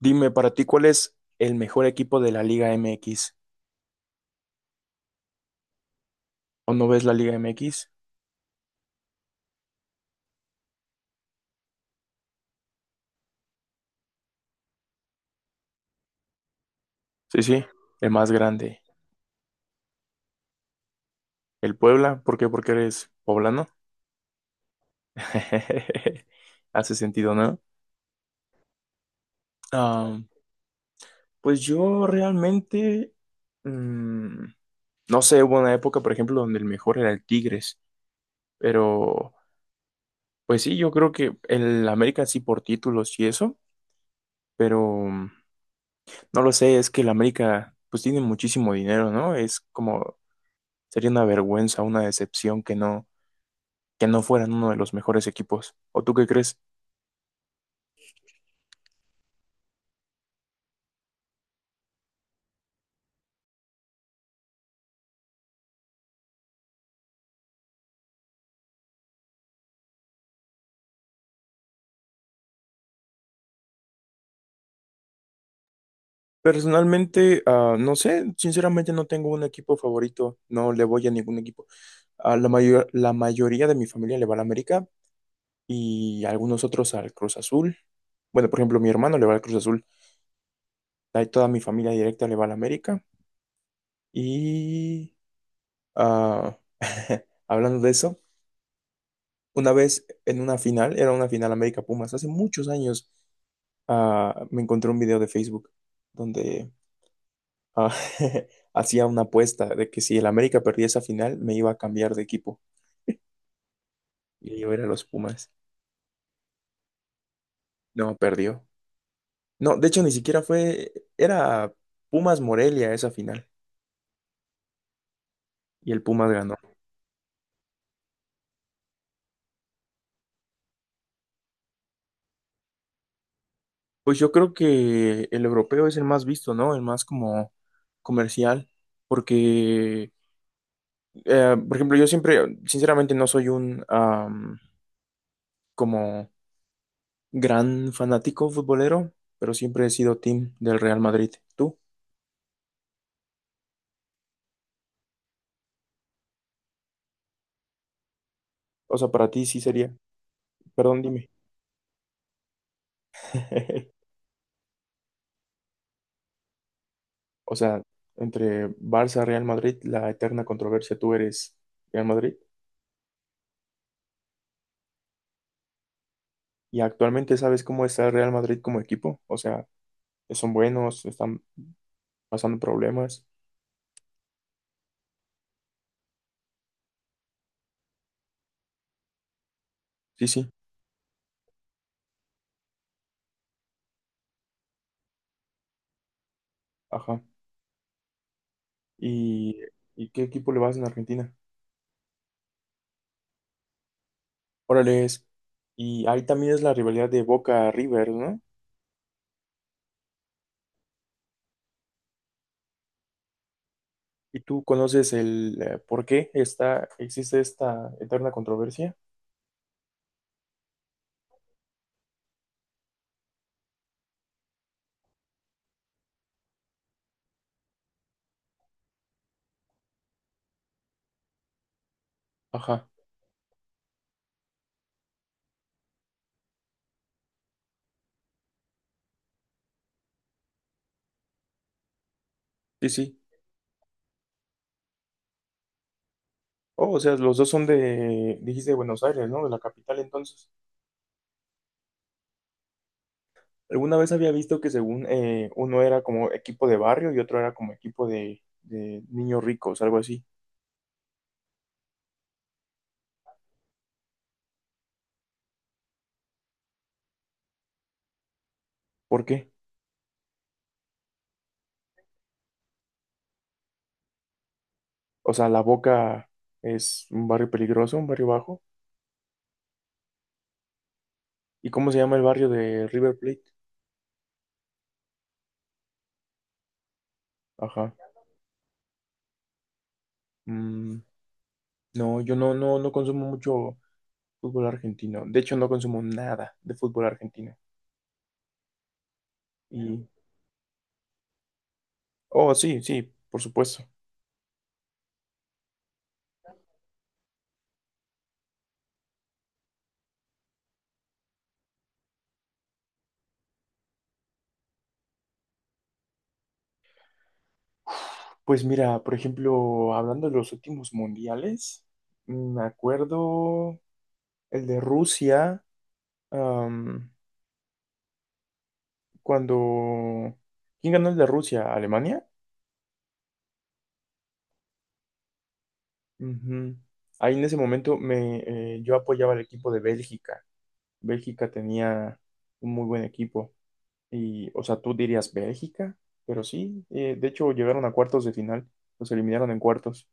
Dime, para ti, ¿cuál es el mejor equipo de la Liga MX? ¿O no ves la Liga MX? Sí, sí, el más grande. ¿El Puebla? ¿Por qué? Porque eres poblano. Hace sentido, ¿no? Ah, pues yo realmente, mm, no sé, hubo una época, por ejemplo, donde el mejor era el Tigres, pero pues sí, yo creo que el América sí por títulos y eso, pero no lo sé, es que el América pues tiene muchísimo dinero, ¿no? Es como. Sería una vergüenza, una decepción que no fueran uno de los mejores equipos. ¿O tú qué crees? Personalmente, no sé, sinceramente no tengo un equipo favorito, no le voy a ningún equipo. A la mayoría de mi familia le va al América y algunos otros al Cruz Azul. Bueno, por ejemplo, mi hermano le va al Cruz Azul, ahí toda mi familia directa le va al América. Y ah, hablando de eso, una vez en una final, era una final América Pumas, hace muchos años, me encontré un video de Facebook donde ah, hacía una apuesta de que si el América perdía esa final, me iba a cambiar de equipo. Y yo era los Pumas. No, perdió. No, de hecho, ni siquiera fue, era Pumas Morelia esa final. Y el Pumas ganó. Pues yo creo que el europeo es el más visto, ¿no? El más como comercial. Porque, por ejemplo, yo siempre, sinceramente, no soy como gran fanático futbolero, pero siempre he sido team del Real Madrid. ¿Tú? O sea, para ti sí sería. Perdón, dime. O sea, entre Barça, Real Madrid, la eterna controversia, tú eres Real Madrid. Y actualmente sabes cómo está el Real Madrid como equipo. O sea, son buenos, están pasando problemas. Sí, sí, ajá. ¿Y, y qué equipo le vas en Argentina? Órale, es. Y ahí también es la rivalidad de Boca River, ¿no? ¿Y tú conoces el por qué existe esta eterna controversia? Ajá, sí, sí. Oh, o sea, los dos son de, dijiste, de Buenos Aires, ¿no? De la capital, entonces. Alguna vez había visto que según uno era como equipo de barrio y otro era como equipo de niños ricos, algo así. ¿Por qué? O sea, La Boca es un barrio peligroso, un barrio bajo. ¿Y cómo se llama el barrio de River Plate? Ajá. Mm, no, yo no consumo mucho fútbol argentino. De hecho, no consumo nada de fútbol argentino. Y, oh, sí, sí, por supuesto. Pues mira, por ejemplo, hablando de los últimos mundiales, me acuerdo el de Rusia, am, cuando... ¿Quién ganó el de Rusia? ¿Alemania? Ujú. Ahí en ese momento yo apoyaba al equipo de Bélgica. Bélgica tenía un muy buen equipo. Y, o sea, tú dirías Bélgica, pero sí, de hecho llegaron a cuartos de final, los eliminaron en cuartos.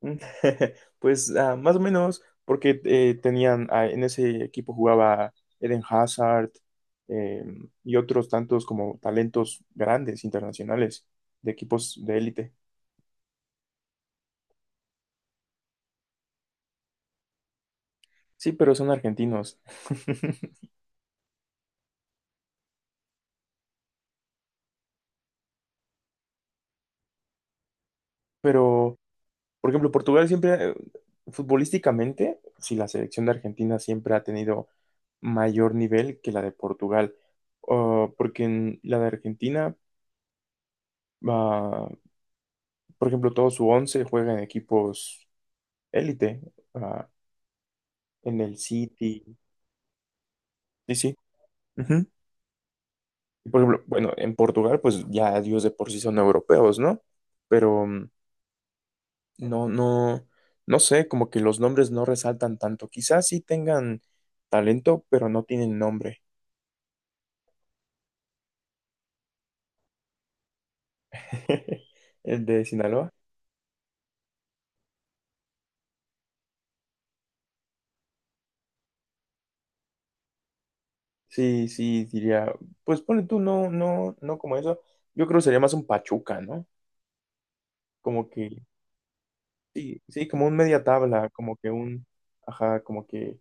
Mm, Pues más o menos, porque tenían, en ese equipo jugaba Eden Hazard eh, y otros tantos como talentos grandes, internacionales, de equipos de élite. Sí, pero son argentinos. Pero Por ejemplo, Portugal siempre, futbolísticamente, si la selección de Argentina siempre ha tenido mayor nivel que la de Portugal. Porque en la de Argentina, ah, por ejemplo, todo su once juega en equipos élite, ah, en el City, sí, sí. Ujú. Y por ejemplo, bueno, en Portugal, pues ya ellos de por sí son europeos, ¿no? Pero no, no, no sé, como que los nombres no resaltan tanto. Quizás sí tengan talento, pero no tienen nombre. El de Sinaloa. Sí, sí, diría. Pues pone tú, no como eso. Yo creo que sería más un Pachuca, ¿no? Como que, sí, sí, como un media tabla, como que un, ajá, como que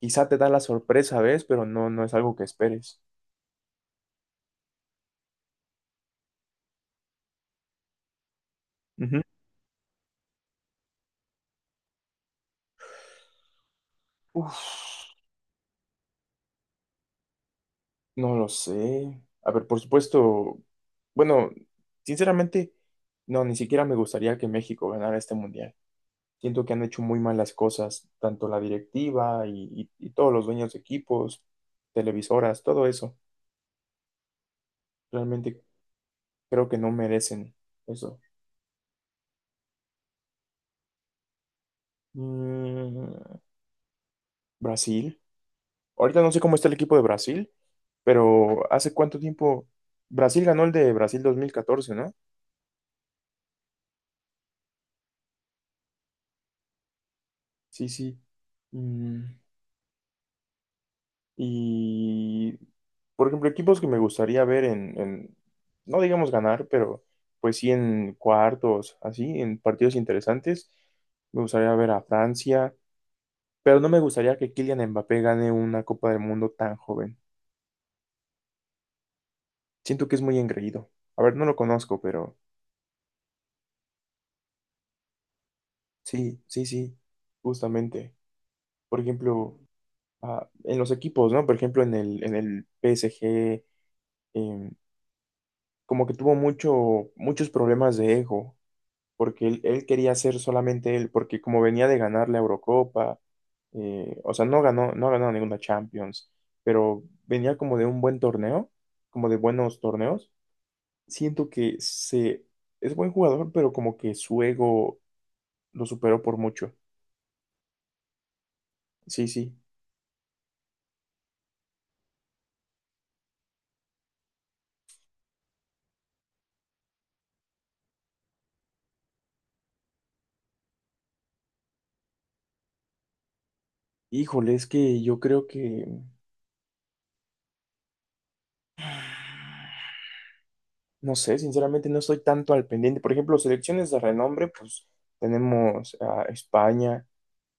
quizá te da la sorpresa, ¿ves? Pero no es algo que esperes. Ujú. Uf, no lo sé. A ver, por supuesto, bueno, sinceramente, no, ni siquiera me gustaría que México ganara este mundial. Siento que han hecho muy malas cosas, tanto la directiva y todos los dueños de equipos, televisoras, todo eso. Realmente creo que no merecen eso. Mm, Brasil. Ahorita no sé cómo está el equipo de Brasil, pero hace cuánto tiempo Brasil ganó el de Brasil 2014, ¿no? Sí, sí. Mm, Y, por ejemplo, equipos que me gustaría ver no digamos ganar, pero pues sí en cuartos, así, en partidos interesantes. Me gustaría ver a Francia, pero no me gustaría que Kylian Mbappé gane una Copa del Mundo tan joven. Siento que es muy engreído. A ver, no lo conozco, pero sí, sí, sí, justamente. Por ejemplo, en los equipos, ¿no? Por ejemplo, en el PSG, em, como que tuvo muchos problemas de ego, porque él quería ser solamente él, porque como venía de ganar la Eurocopa, o sea, no ganó ninguna Champions, pero venía como de un buen torneo, como de buenos torneos. Siento que es buen jugador, pero como que su ego lo superó por mucho. Sí, sí. Híjole, es que yo creo que, no sé, sinceramente no estoy tanto al pendiente. Por ejemplo, selecciones de renombre, pues tenemos a España.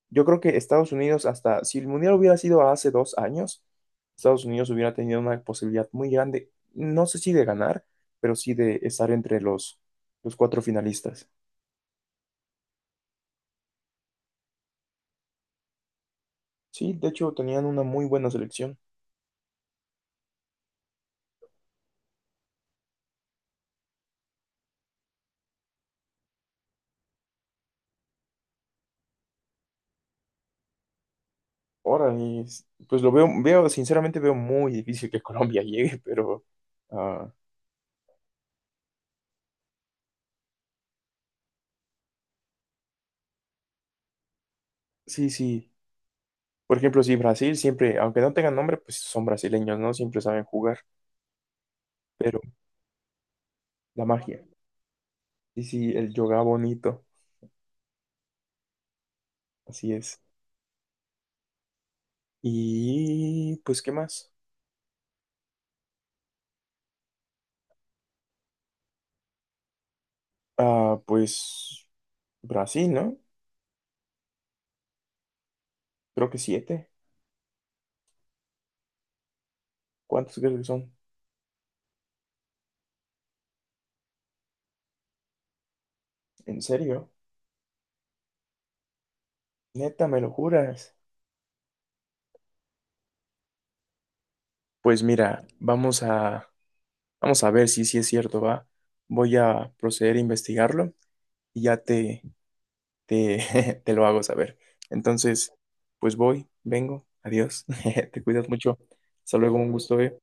Yo creo que Estados Unidos, hasta si el Mundial hubiera sido hace 2 años, Estados Unidos hubiera tenido una posibilidad muy grande, no sé si de ganar, pero sí de estar entre los cuatro finalistas. Sí, de hecho tenían una muy buena selección. Ahora, pues lo veo, sinceramente veo muy difícil que Colombia llegue, pero ah, sí, sí. Por ejemplo, sí, Brasil siempre, aunque no tengan nombre, pues son brasileños, ¿no? Siempre saben jugar, pero la magia. Sí, sí, el yoga bonito, así es. Y pues, ¿qué más? Ah, pues Brasil, ¿no? Creo que siete. ¿Cuántos crees que son? ¿En serio? Neta, ¿me lo juras? Pues mira, vamos a ver si sí es cierto, ¿va? Voy a proceder a investigarlo y ya te lo hago saber. Entonces, pues voy, vengo, adiós, te cuidas mucho. Hasta luego, un gusto, ¿eh?